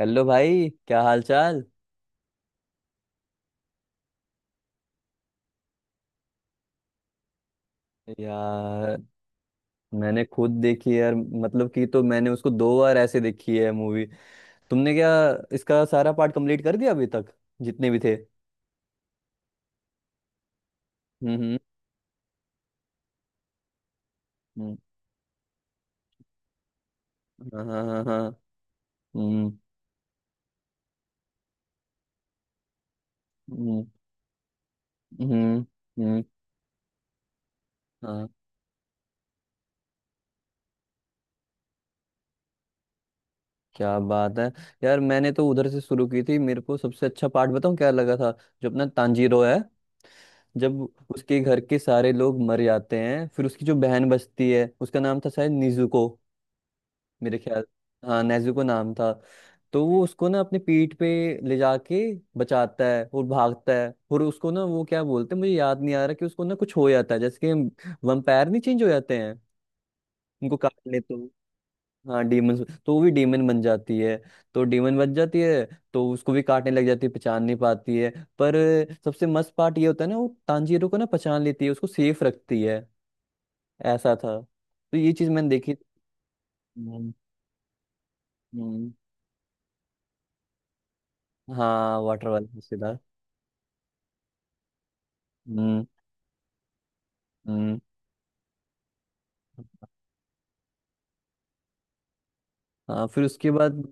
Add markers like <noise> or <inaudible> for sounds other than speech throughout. Hello भाई, क्या हाल चाल। यार, मैंने खुद देखी है यार, मतलब कि तो मैंने उसको दो बार ऐसे देखी है मूवी। तुमने क्या इसका सारा पार्ट कंप्लीट कर दिया अभी तक, जितने भी थे? हम्म। हम्म। हम्म। हाँ, हाँ, हाँ, हाँ। हम्म। हम्म। हम्म। हम्म। हाँ। क्या बात है। यार, मैंने तो उधर से शुरू की थी, मेरे को सबसे अच्छा पार्ट बताऊं क्या लगा था? जो अपना तांजीरो है, जब उसके घर के सारे लोग मर जाते हैं, फिर उसकी जो बहन बचती है, उसका नाम था शायद निजुको। मेरे ख्याल। हाँ, नेजुको नाम था। तो वो उसको ना अपने पीठ पे ले जाके बचाता है और भागता है, और उसको ना, वो क्या बोलते हैं, मुझे याद नहीं आ रहा, कि उसको ना कुछ हो जाता है, जैसे कि वंपायर नहीं, चेंज हो जाते हैं उनको काट ले तो। हाँ, डीमन। तो वो भी डीमन बन जाती है, तो डीमन बन जाती है, तो उसको भी काटने लग जाती है, पहचान नहीं पाती है। पर सबसे मस्त पार्ट ये होता है ना, वो तांजीरो को ना पहचान लेती है, उसको सेफ रखती है। ऐसा था, तो ये चीज मैंने देखी। हम्म। हम्म। हाँ, वाटर वाला। हम्म। हम्म। हाँ, फिर उसके बाद।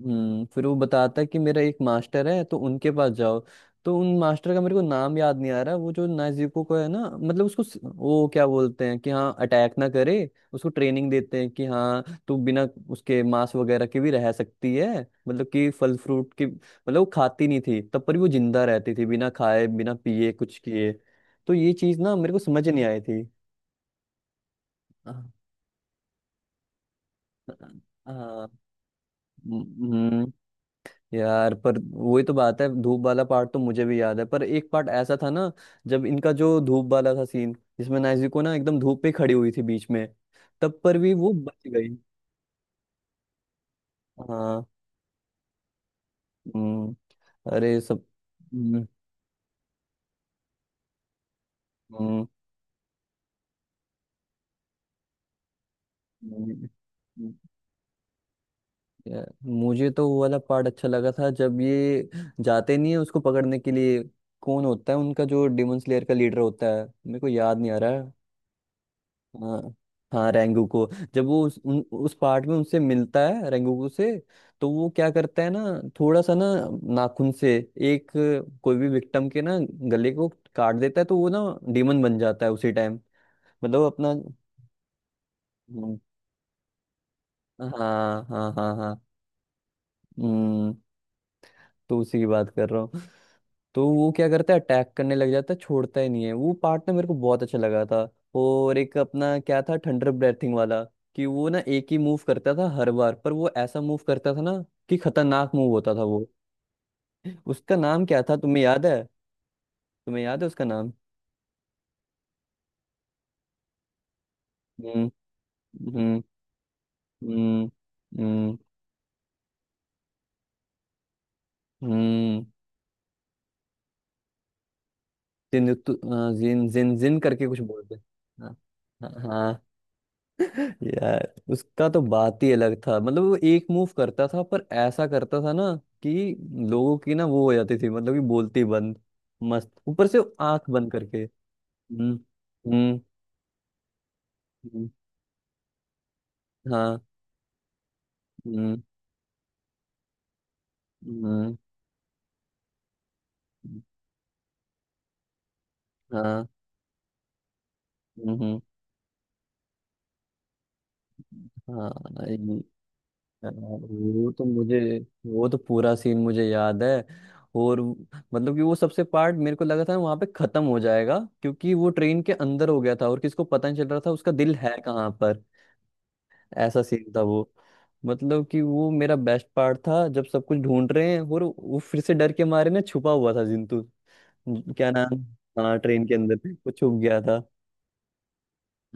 फिर वो बताता है कि मेरा एक मास्टर है तो उनके पास जाओ। तो उन मास्टर का मेरे को नाम याद नहीं आ रहा, वो जो नाजीको को है ना, मतलब उसको वो क्या बोलते हैं, कि हाँ अटैक ना करे, उसको ट्रेनिंग देते हैं कि हाँ तू बिना उसके मांस वगैरह के भी रह सकती है। मतलब कि फल फ्रूट की, मतलब वो खाती नहीं थी तब पर भी वो जिंदा रहती थी, बिना खाए बिना पिए कुछ किए। तो ये चीज ना मेरे को समझ नहीं आई थी। हाँ, हाँ, हाँ। हम्म। यार पर वही तो बात है, धूप वाला पार्ट तो मुझे भी याद है, पर एक पार्ट ऐसा था ना, जब इनका जो धूप वाला था सीन, जिसमें नाइजी ना एकदम धूप पे खड़ी हुई थी बीच में, तब पर भी वो बच गई। हाँ। हम्म। अरे, सब। हम्म। हम्म। हम्म। हम्म। यार, मुझे तो वो वाला पार्ट अच्छा लगा था जब ये जाते नहीं है उसको पकड़ने के लिए। कौन होता है उनका जो डिमन स्लेयर का लीडर होता है, मेरे को याद नहीं आ रहा है। हाँ। हाँ, रेंगुको। जब वो उस पार्ट में उनसे मिलता है रेंगुको से, तो वो क्या करता है ना, थोड़ा सा ना नाखून से, एक कोई भी विक्टिम के ना गले को काट देता है, तो वो ना डीमन बन जाता है उसी टाइम। मतलब अपना। हम्म। हाँ, हाँ, हाँ, हाँ। हम्म। तो उसी की बात कर रहा हूँ। तो वो क्या करता है, अटैक करने लग जाता है, छोड़ता ही नहीं है, वो पार्ट ना मेरे को बहुत अच्छा लगा था। और एक अपना क्या था, थंडर ब्रेथिंग वाला, कि वो ना एक ही मूव करता था हर बार, पर वो ऐसा मूव करता था ना, कि खतरनाक मूव होता था वो। उसका नाम क्या था, तुम्हें याद है? तुम्हें याद है उसका नाम? हम्म। हम्म। हम्म। हम्म। हम्म। जिन, जिन जिन जिन करके कुछ बोलते हैं। हाँ। हाँ, हाँ। यार, उसका तो बात ही अलग था, मतलब वो एक मूव करता था पर ऐसा करता था ना, कि लोगों की ना वो हो जाती थी, मतलब कि बोलती बंद। मस्त ऊपर से, आंख बंद करके। हम्म। हम्म। हम्म। हाँ। हम्म। हम्म। हाँ। हम्म। हम्म। हाँ, वो तो मुझे वो तो पूरा सीन मुझे याद है। और मतलब कि वो सबसे पार्ट मेरे को लगा था वहां पे खत्म हो जाएगा, क्योंकि वो ट्रेन के अंदर हो गया था और किसको पता नहीं चल रहा था उसका दिल है कहाँ पर। ऐसा सीन था वो। मतलब कि वो मेरा बेस्ट पार्ट था, जब सब कुछ ढूंढ रहे हैं और वो फिर से डर के मारे ना छुपा हुआ था जिंतू। क्या नाम? हाँ, ट्रेन के अंदर वो छुप गया था।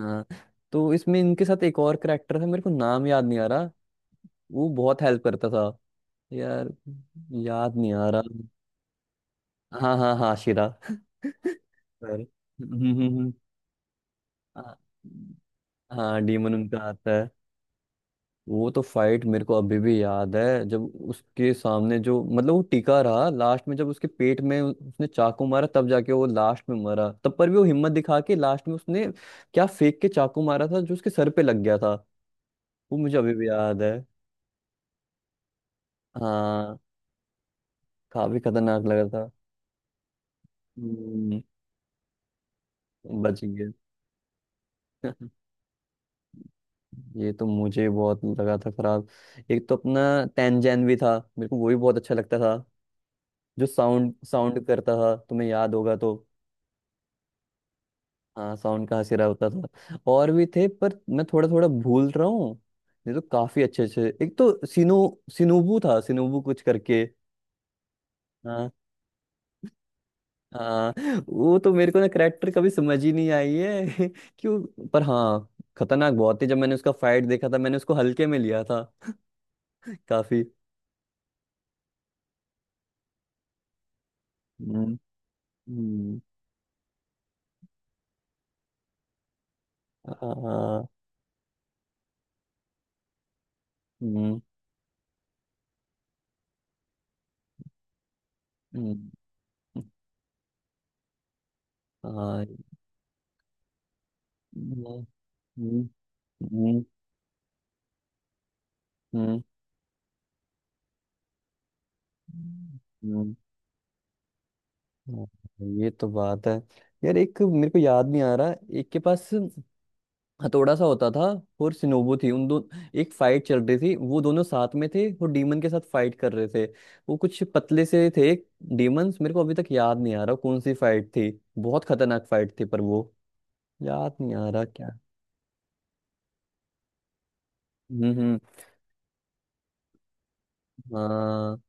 हाँ। तो इसमें इनके साथ एक और करेक्टर था, मेरे को नाम याद नहीं आ रहा, वो बहुत हेल्प करता था यार, याद नहीं आ रहा। हाँ, हाँ, हाँ शिरा <laughs> पर। हम्म। हम्म। हम्म। हाँ। हाँ, डीमन उनका आता है। वो तो फाइट मेरे को अभी भी याद है, जब उसके सामने जो, मतलब वो टिका रहा लास्ट में, जब उसके पेट में उसने चाकू मारा, तब जाके वो लास्ट में मरा, तब पर भी वो हिम्मत दिखा के लास्ट में उसने क्या फेंक के चाकू मारा था जो उसके सर पे लग गया था। वो मुझे अभी भी याद है। हाँ, काफी खतरनाक लगा था। हम्म। बच गया। <laughs> ये तो मुझे बहुत लगा था खराब। एक तो अपना तैनजैन भी था, मेरे को वो भी बहुत अच्छा लगता था। जो साउंड साउंड करता था, तुम्हें याद होगा तो। हाँ, साउंड का हसीरा होता था, और भी थे पर मैं थोड़ा थोड़ा भूल रहा हूँ। ये तो काफी अच्छे अच्छे, एक तो सिनुबू था, सिनुबू कुछ करके। हाँ। हाँ। वो तो मेरे को ना करेक्टर कभी समझ ही नहीं आई है <laughs> क्यों, पर हाँ, खतरनाक बहुत थी। जब मैंने उसका फाइट देखा था मैंने उसको हल्के में लिया था। <laughs> काफी। हम्म। हम्म। हाँ। हम्म। हम्म। हाँ। हम्म। हम्म। हम्म। हम्म। हम्म। हाँ, ये तो बात है। यार, एक मेरे को याद नहीं आ रहा, एक के पास हथौड़ा सा होता था और सिनोबू थी उन दो। एक फाइट चल रही थी, वो दोनों साथ में थे और डीमन के साथ फाइट कर रहे थे, वो कुछ पतले से थे। डीमंस, मेरे को अभी तक याद नहीं आ रहा कौन सी फाइट थी। बहुत खतरनाक फाइट थी पर वो याद नहीं आ रहा क्या। हम्म। हम्म। हाँ।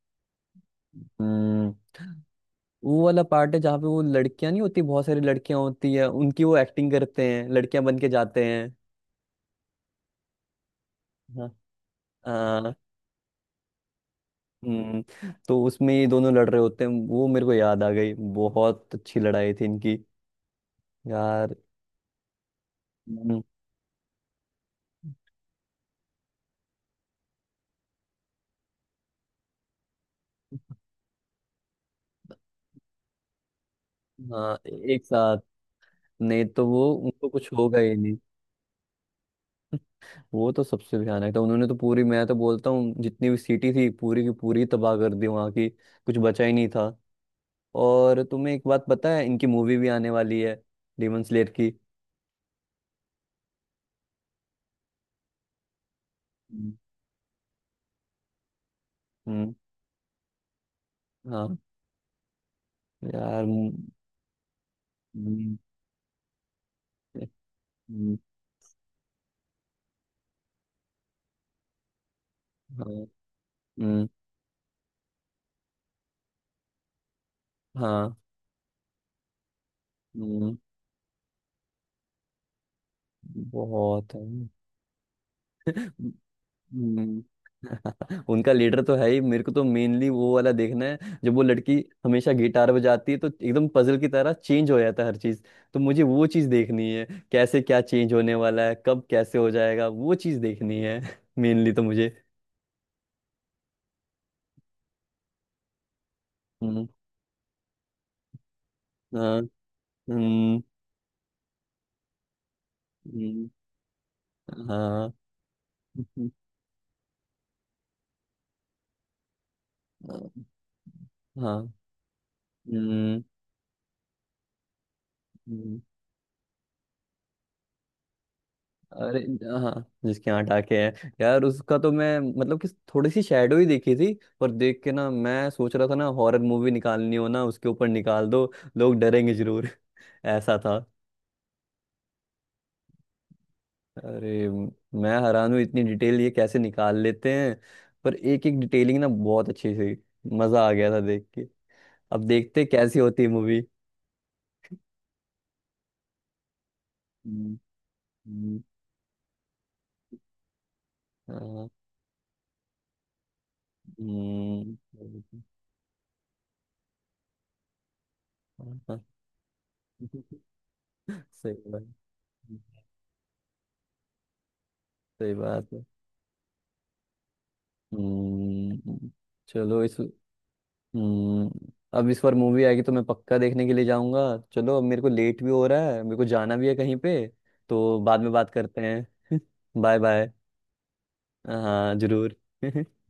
हम्म। वो वाला पार्ट है जहाँ पे वो लड़कियां नहीं होती, बहुत सारी लड़कियां होती हैं उनकी, वो एक्टिंग करते हैं, लड़कियां बन के जाते हैं। हाँ। हाँ। हम्म, तो उसमें ये दोनों लड़ रहे होते हैं, वो मेरे को याद आ गई, बहुत अच्छी लड़ाई थी इनकी यार। हम्म। हाँ, एक साथ, नहीं तो वो उनको कुछ होगा ही नहीं। वो तो सबसे भयानक था, उन्होंने तो पूरी मैं तो बोलता हूँ जितनी भी सिटी थी पूरी की पूरी तबाह कर दी, वहां की कुछ बचा ही नहीं था। और तुम्हें एक बात पता है, इनकी मूवी भी आने वाली है, डेमन स्लेयर की। हम्म। हम्म। हाँ, यार। हम्म। हम्म। हम्म। हाँ। हम्म। हाँ। हम्म। बहुत है। हम्म। <laughs> उनका लीडर तो है ही, मेरे को तो मेनली वो वाला देखना है, जब वो लड़की हमेशा गिटार बजाती है तो एकदम पजल की तरह चेंज हो जाता है हर चीज। तो मुझे वो चीज देखनी है, कैसे क्या चेंज होने वाला है, कब कैसे हो जाएगा, वो चीज देखनी है। <laughs> मेनली तो मुझे। हम्म। हाँ। हम्म। हम्म। हाँ। हम्म। हाँ। हम्म। हम्म। अरे। हाँ, जिसके यहाँ टाके हैं यार, उसका तो मैं मतलब कि थोड़ी सी शेडो ही देखी थी, पर देख के ना मैं सोच रहा था ना, हॉरर मूवी निकालनी हो ना उसके ऊपर निकाल दो, लोग डरेंगे जरूर। <laughs> ऐसा था। अरे मैं हैरान हूँ, इतनी डिटेल ये कैसे निकाल लेते हैं। पर एक एक डिटेलिंग ना बहुत अच्छी थी, मजा आ गया था देख के। अब देखते कैसी होती है मूवी। हम्म। हम्म। हाँ। हम्म। हाँ। हाँ। <laughs> सही बात। सही बात। हम्म। चलो इस। हम्म, अब इस बार मूवी आएगी तो मैं पक्का देखने के लिए जाऊंगा। चलो, अब मेरे को लेट भी हो रहा है, मेरे को जाना भी है कहीं पे, तो बाद में बात करते हैं। <laughs> Bye bye. हाँ, जरूर। <laughs>